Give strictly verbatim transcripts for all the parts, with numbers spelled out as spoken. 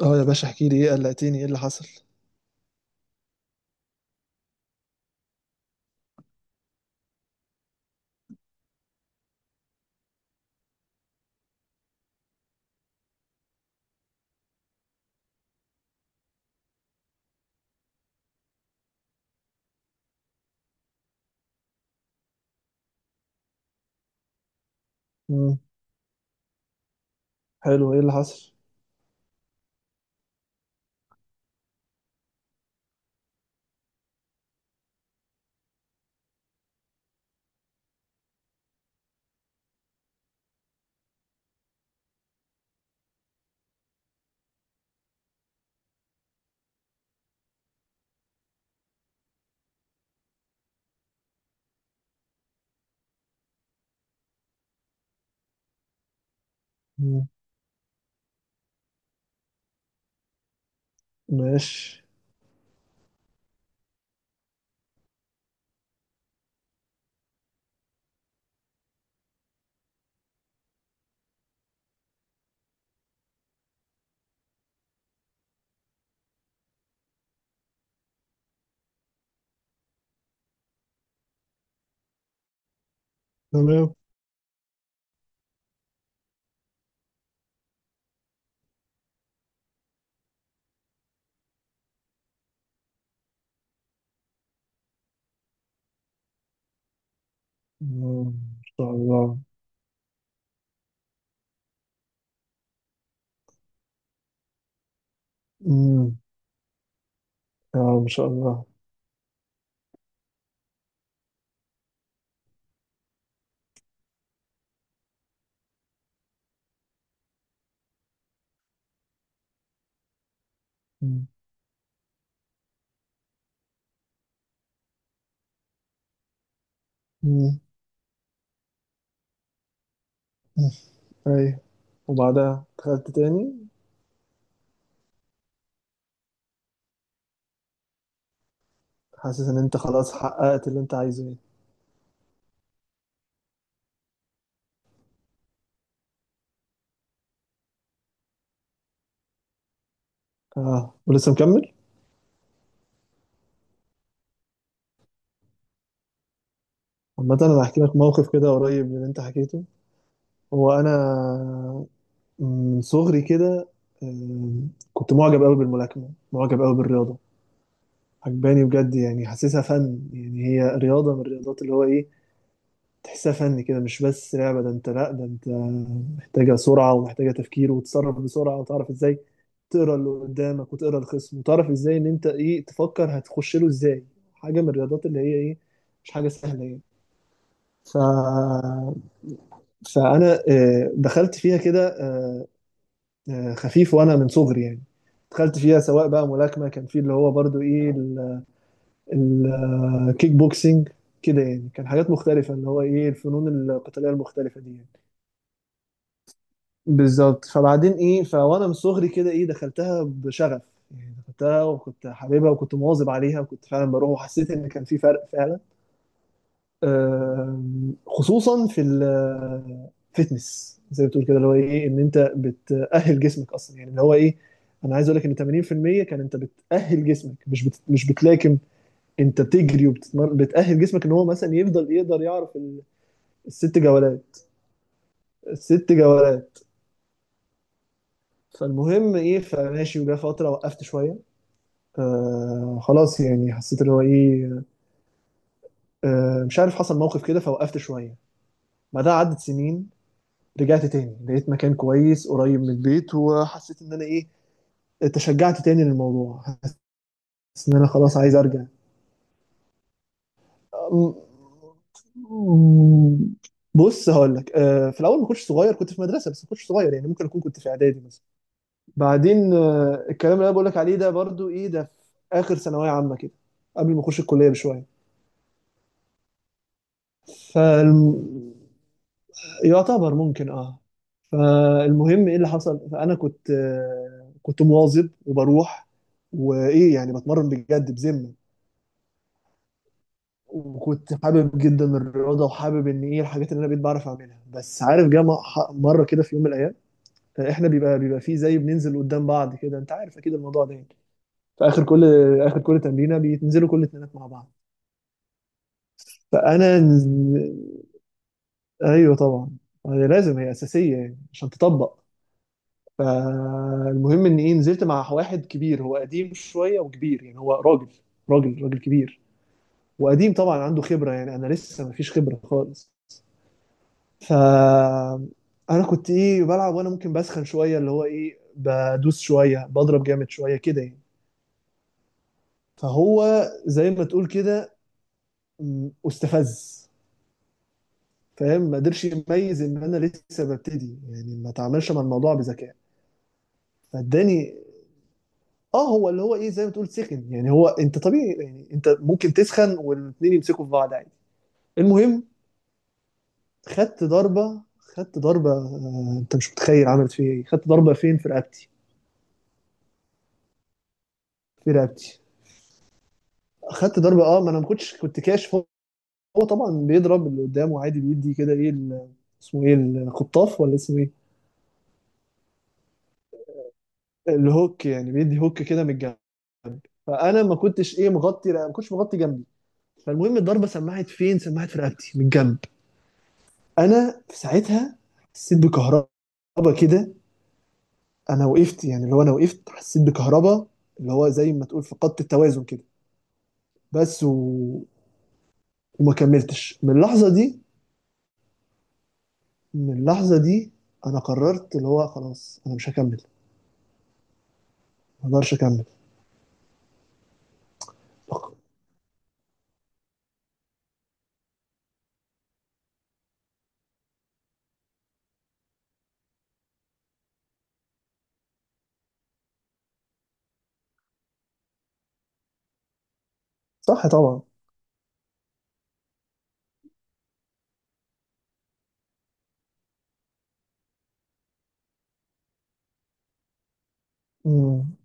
اه يا باشا، احكي لي ايه، قلقتني. ايه اللي حصل؟ مم. حلو، ايه اللي حصل؟ مم. ماشي. تمام. مم. ما شاء الله. مم. اه، ما شاء الله. مم. مم. مم. ايوه، وبعدها دخلت تاني؟ حاسس ان انت خلاص حققت اللي انت عايزه، ايه؟ اه، ولسه مكمل؟ عامة، انا هحكي لك موقف كده قريب من اللي انت حكيته. هو انا من صغري كده، آم، كنت معجب قوي بالملاكمة، معجب قوي بالرياضة. عجباني بجد، يعني حاسسها فن. يعني هي رياضة من الرياضات اللي هو إيه، تحسها فن كده، مش بس لعبة. ده أنت، لأ ده أنت محتاجة سرعة، ومحتاجة تفكير، وتتصرف بسرعة، وتعرف إزاي تقرا اللي قدامك وتقرا الخصم، وتعرف إزاي إن أنت إيه، تفكر هتخش له إزاي. حاجة من الرياضات اللي هي إيه، مش حاجة سهلة يعني. ف... فأنا آه، دخلت فيها كده، آه، آه، خفيف وأنا من صغري يعني. دخلت فيها، سواء بقى ملاكمة، كان في اللي هو برضو إيه، الكيك بوكسينج، كده يعني، كان حاجات مختلفة اللي هو ايه، الفنون القتالية المختلفة دي يعني. بالظبط، فبعدين ايه، فوانا من صغري كده ايه، دخلتها بشغف. يعني دخلتها، وكنت حاببها، وكنت مواظب عليها، وكنت فعلا بروح، وحسيت ان كان في فرق فعلا. آم، خصوصا في الفتنس زي ما بتقول كده، اللي هو ايه ان انت بتأهل جسمك اصلا، يعني اللي هو ايه، انا عايز اقول لك ان ثمانين بالمية كان انت بتأهل جسمك، مش بت... مش بتلاكم. انت بتجري وبتتمرن، بتأهل جسمك ان هو مثلا يفضل يقدر يعرف ال- الست جولات الست جولات فالمهم ايه، فماشي. وجا فتره وقفت شويه. آه خلاص يعني حسيت ان هو ايه، آه مش عارف حصل موقف كده، فوقفت شويه. بعدها عدت سنين، رجعت تاني، لقيت مكان كويس قريب من البيت، وحسيت ان انا ايه، تشجعت تاني للموضوع، حسيت ان انا خلاص عايز ارجع. بص، هقول لك. آه، في الاول ما كنتش صغير، كنت في مدرسه، بس ما كنتش صغير يعني، ممكن اكون كنت في اعدادي مثلا. بعدين آه، الكلام اللي انا بقول لك عليه ده برضو ايه ده، في اخر ثانويه عامه كده، قبل ما اخش الكليه بشويه. فالم... يعتبر، ممكن اه. فالمهم ايه اللي حصل، فانا كنت آه، كنت مواظب وبروح، وايه يعني، بتمرن بجد بذمه. وكنت حابب جدا الرياضه، وحابب ان ايه الحاجات اللي انا بقيت بعرف اعملها. بس عارف، جه م- ح- مره كده في يوم من الايام، آه، احنا بيبقى بيبقى فيه زي بننزل قدام بعض كده، انت عارف اكيد الموضوع ده يعني. في اخر كل اخر كل تمرينه بينزلوا كل اتنينات مع بعض. فانا، ايوه طبعا، هي لازم، هي اساسيه يعني عشان تطبق. فالمهم ان ايه، نزلت مع واحد كبير، هو قديم شويه وكبير يعني، هو راجل راجل راجل كبير. وقديم طبعا، عنده خبره يعني. انا لسه مفيش خبره خالص. ف انا كنت ايه، بلعب وانا ممكن بسخن شويه، اللي هو ايه، بدوس شويه، بضرب جامد شويه كده يعني. فهو زي ما تقول كده، م، استفز، فاهم، ما قدرش يميز ان انا لسه ببتدي يعني، ما تعاملش مع الموضوع بذكاء. فاداني، اه. هو اللي هو ايه زي ما تقول سخن يعني، هو انت طبيعي يعني، انت ممكن تسخن والاتنين يمسكوا في بعض عادي. المهم، خدت ضربه، خدت ضربه. آه انت مش متخيل عملت فيا ايه! خدت ضربه فين؟ في رقبتي. في رقبتي. خدت ضربه، اه. ما انا ما كنتش كنت كاشف. هو هو طبعا بيضرب اللي قدامه عادي، بيدي كده، ايه ال- اسمه ايه، الخطاف، ولا اسمه ايه؟ الهوك، يعني بيدي هوك كده من الجنب. فانا ما كنتش ايه مغطي ما كنتش مغطي جنبي. فالمهم الضربه، سمعت فين؟ سمعت في رقبتي من الجنب. انا في ساعتها حسيت بكهربا كده. انا وقفت يعني اللي هو انا وقفت، حسيت بكهربا، اللي هو زي ما تقول فقدت التوازن كده. بس. و... وما كملتش من اللحظه دي. من اللحظه دي انا قررت اللي هو خلاص انا مش هكمل، ما اقدرش اكمل. صح طبعا. مم.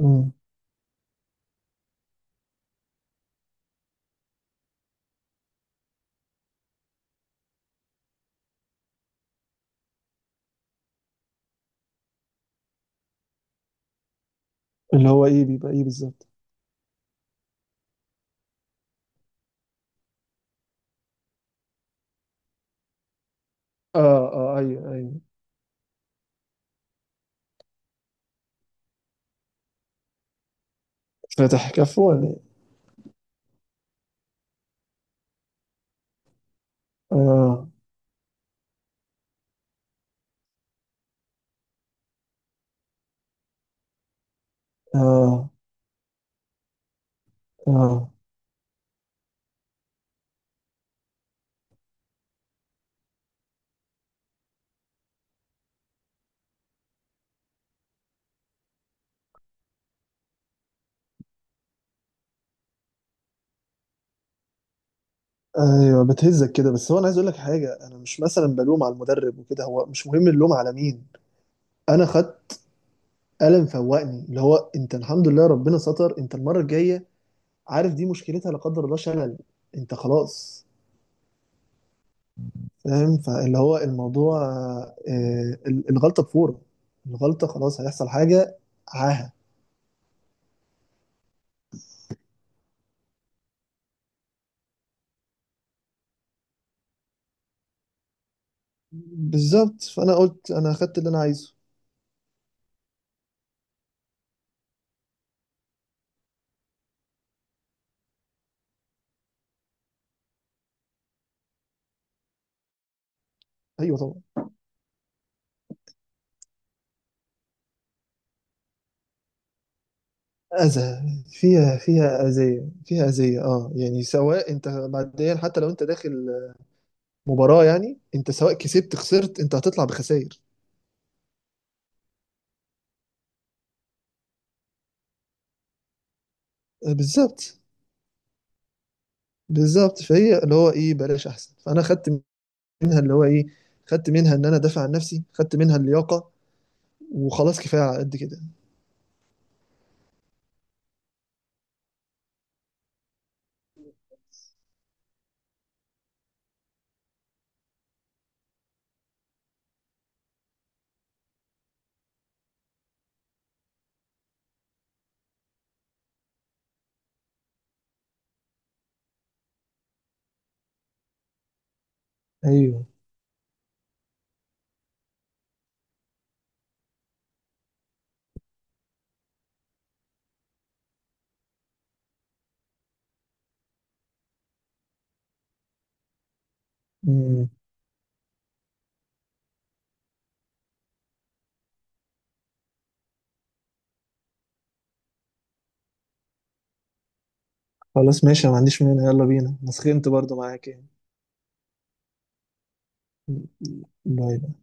مم. اللي هو ايه، بيبقى ايه بالظبط؟ اه، اه، ايوه، ايوه. فاتح كفه ولا ايه؟ اه، اه، اه، ايوه. بتهزك كده، بس هو انا عايز اقول لك حاجه، انا مش مثلا بلوم على المدرب وكده، هو مش مهم اللوم على مين. انا خدت قلم فوقني، اللي هو انت الحمد لله ربنا ستر، انت المره الجايه عارف دي مشكلتها، لا قدر الله، شلل. انت خلاص، فاهم، فاللي هو الموضوع، آه ال- الغلطه بفوره، الغلطه خلاص هيحصل حاجه، عاهه. بالظبط، فانا قلت انا خدت اللي انا عايزه. ايوه طبعا. أذى، فيها فيها أذية، فيها أذية، اه يعني، سواء انت بعدين حتى لو انت داخل مباراة يعني، انت سواء كسبت خسرت، انت هتطلع بخسائر. آه، بالظبط. بالظبط، فهي اللي هو ايه بلاش احسن. فانا خدت منها اللي هو ايه، خدت منها ان انا دافع عن نفسي، خدت منها اللياقة، وخلاص كفاية على قد كده. ايوه. امم. خلاص ماشي، أنا ما عنديش مانع. يلا بينا، انا سخنت برضو معاك يعني. م- م- باي.